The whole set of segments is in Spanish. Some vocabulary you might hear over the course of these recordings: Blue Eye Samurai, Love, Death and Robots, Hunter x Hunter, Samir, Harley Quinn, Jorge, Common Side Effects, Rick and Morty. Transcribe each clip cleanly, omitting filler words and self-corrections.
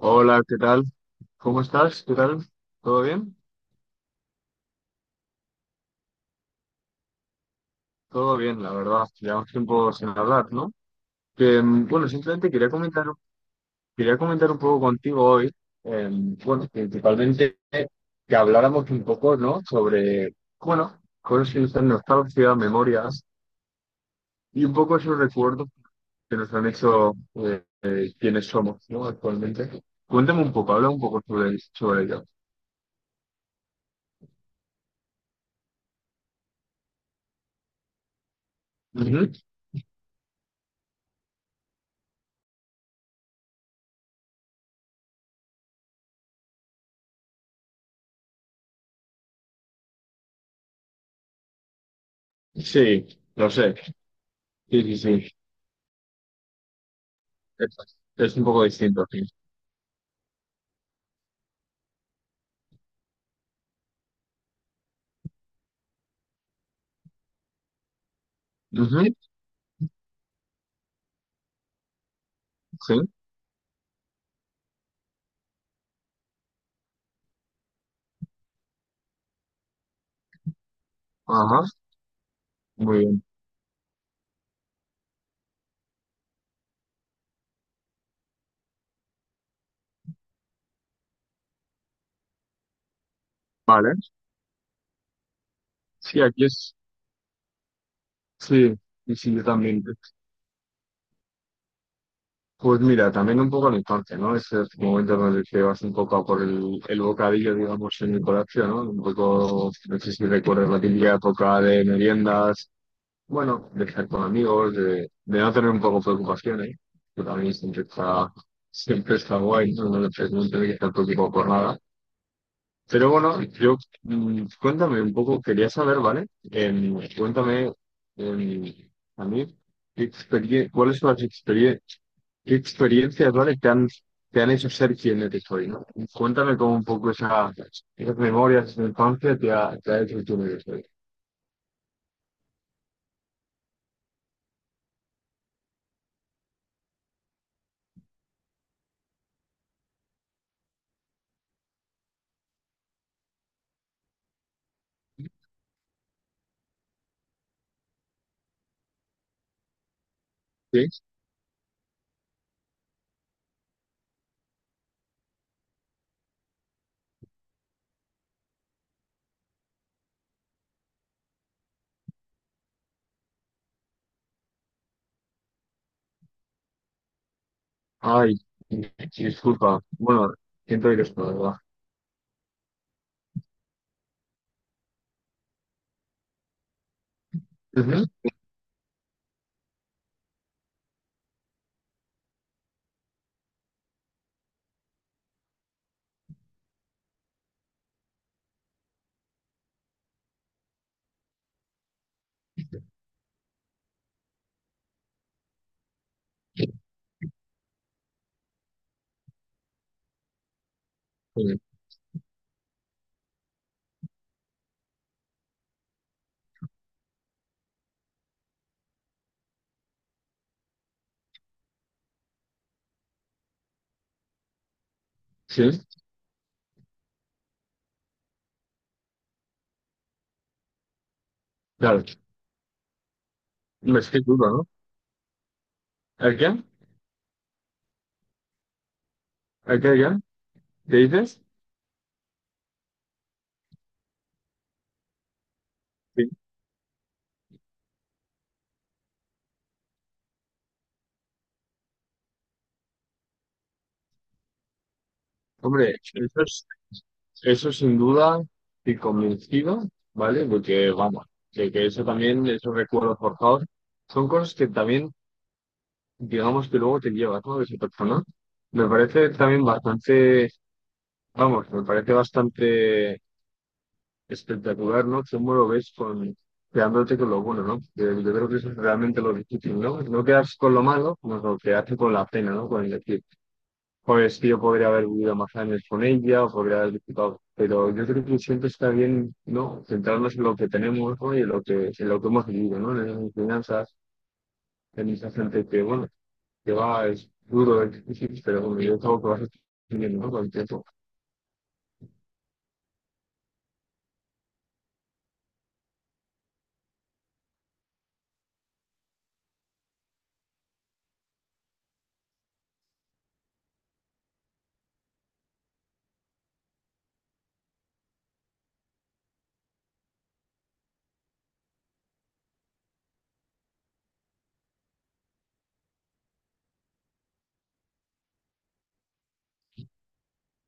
Hola, ¿qué tal? ¿Cómo estás? ¿Qué tal? ¿Todo bien? Todo bien, la verdad. Llevamos tiempo sin hablar, ¿no? Bueno, simplemente quería comentar un poco contigo hoy, eh, bueno, principalmente que habláramos un poco, ¿no? Sobre, bueno, cosas que nos dan nostalgia, memorias y un poco esos recuerdos que nos han hecho quienes somos, ¿no? Actualmente. Cuéntame un poco, habla un poco sobre ello. Ujú. Sí, lo sé. Sí, sí, sí. Es, es un poco distinto, sí. Ujú, sí, ajá, muy bien. Vale, sí, aquí es, sí, y sí, yo también. Pues mira, también un poco en la infancia, ¿no? Ese es el momento en el que vas un poco a por el bocadillo, digamos, en el colegio, ¿no? Un poco, no sé si recuerdas la típica época de meriendas, bueno, de estar con amigos, de no tener un poco preocupaciones, que también siempre está guay, ¿no? No tener que estar preocupado por nada. Pero bueno, cuéntame un poco, quería saber, ¿vale? Cuéntame em, a mí qué experie- cuáles son las experie- qué experiencias, ¿vale? Te han hecho ser quien eres hoy, ¿no? Cuéntame como un poco esas memorias de tu infancia te ha hecho quien eres hoy. ¿Sí? Ay, disculpa. Bueno, siento que es la verdad. Ujú. Sí, sí, claro. Me estoy duro, ¿no? ¿A qué? ¿A qué? ¿A qué? ¿Qué dices? Sí. Hombre, eso sin duda, estoy convencido, ¿vale? Porque vamos, de que eso también, esos recuerdos forjados, son cosas que también, digamos que luego te llevas, ¿no? De esa persona. Me parece también bastante, vamos, me parece bastante espectacular, ¿no? Cómo lo ves con, quedándote con lo bueno, ¿no? Porque yo creo que eso es realmente lo difícil, ¿no? No quedas con lo malo, sino lo que hace con la pena, ¿no? Con el pues que yo podría haber vivido más años con ella, o podría haber disfrutado, pero yo creo que siempre está bien, ¿no? Centrarnos en lo que tenemos, ¿no? Y en lo que hemos vivido, ¿no? En las enseñanzas, en esa gente que, bueno, que va, es duro, es difícil, pero bueno, yo creo que vas aprendiendo, ¿no? Con el tiempo.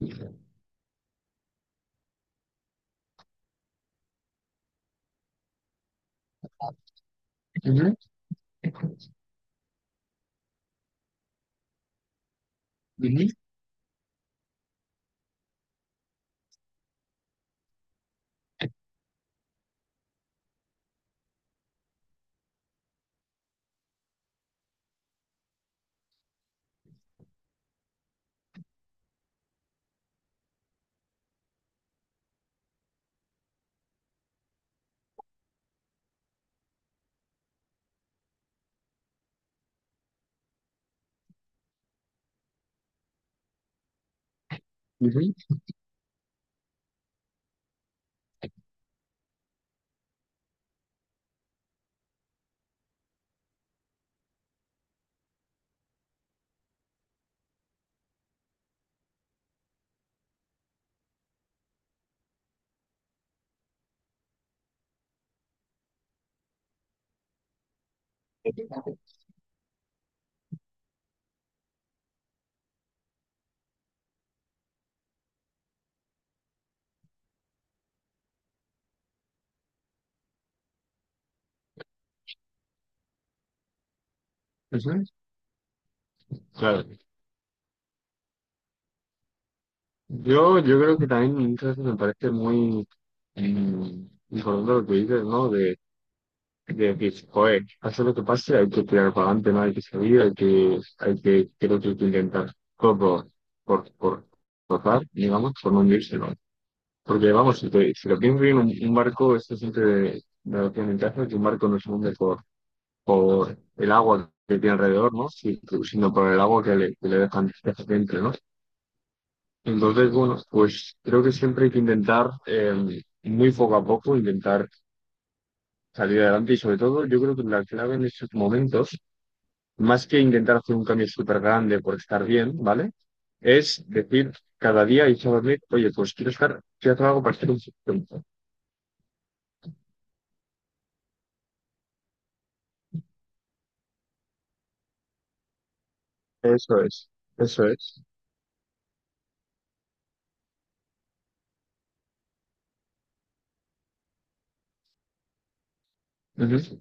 Ujú, ujú, ujú. Eso es. Claro. Yo creo que también muchas veces me parece muy importante lo que dices, ¿no? De que, joder, pase lo que pase, hay que tirar para adelante, no hay que salir, creo que hay que intentar todo por, por, tratar, digamos, por no hundirse, ¿no? Porque, vamos, si lo piensas bien, un barco, esto siempre da la ventaja que un barco no se hunde por el agua que tiene alrededor, ¿no? Sino por el agua que le dejan dentro, ¿no? Entonces, bueno, pues creo que siempre hay que intentar, muy poco a poco, intentar salir adelante, y sobre todo yo creo que la clave en estos momentos más que intentar hacer un cambio súper grande por estar bien, ¿vale? Es decir, cada día irse a dormir, oye, pues quiero hacer algo para estar un poquito. Eso es, eso es. Ujú.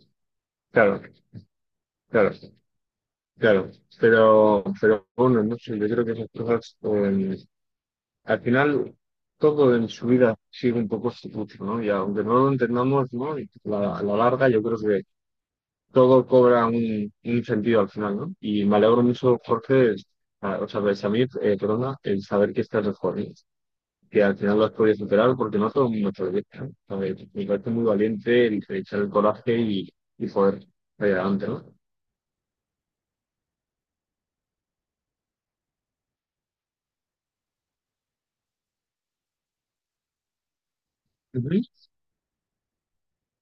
Claro, claro, claro. Pero bueno, no sé, yo creo que esas cosas, al final, todo en su vida sigue un poco su curso, ¿no? Y aunque no lo entendamos, ¿no? Y a la larga, yo creo que todo cobra un sentido al final, ¿no? Y me alegro mucho, Jorge, o sea, pues, a mí, perdona, el saber que estás mejor, ¿no? Que al final lo has podido superar, porque no todo el mundo te lo dice, ¿no? A ver, me parece muy valiente el echar el coraje y poder salir adelante, ¿no? Ujú.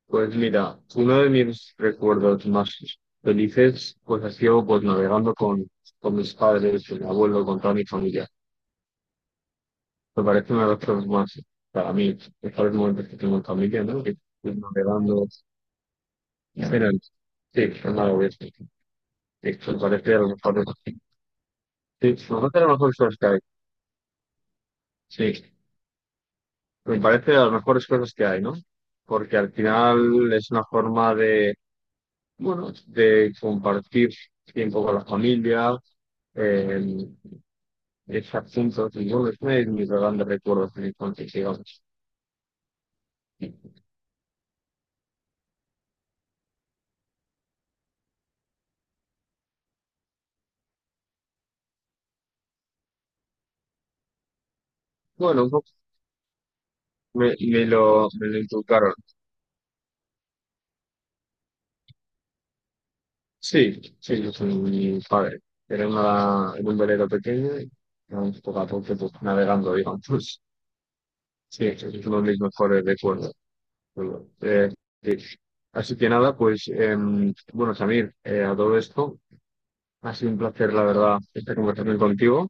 Pues mira, uno de mis recuerdos más felices, pues ha sido pues navegando con mis padres, con mi abuelo, con toda mi familia. Me parece una de las cosas más, para mí, mejores momentos que tengo en familia, ¿no? Que navegando. Aynen. Şey, onlar oluyor. Sí, me parece a lo mejor. Sí, me parece de las mejores cosas que hay. Sí, me parece de las mejores cosas que hay, ¿no? Porque al final es una forma de, bueno, de compartir tiempo con la familia, eh, estar juntos, y bueno, es una de mis grandes recuerdos de mi infancia, digamos. Bueno, un poco me lo inculcaron. Sí, sí, yo soy mi padre. Era en un velero pequeño y vamos poco a poco pues, navegando, digamos. Sí, es uno de mis mejores recuerdos. Bueno, sí. Así que nada, pues bueno, Samir, a todo esto, ha sido un placer, la verdad, esta conversación contigo.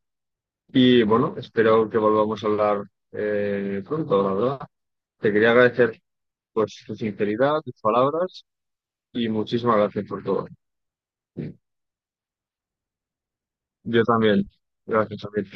Y bueno, espero que volvamos a hablar pronto, la verdad. Te quería agradecer pues tu sinceridad, tus palabras y muchísimas gracias por todo. Yo también. Gracias, Samir.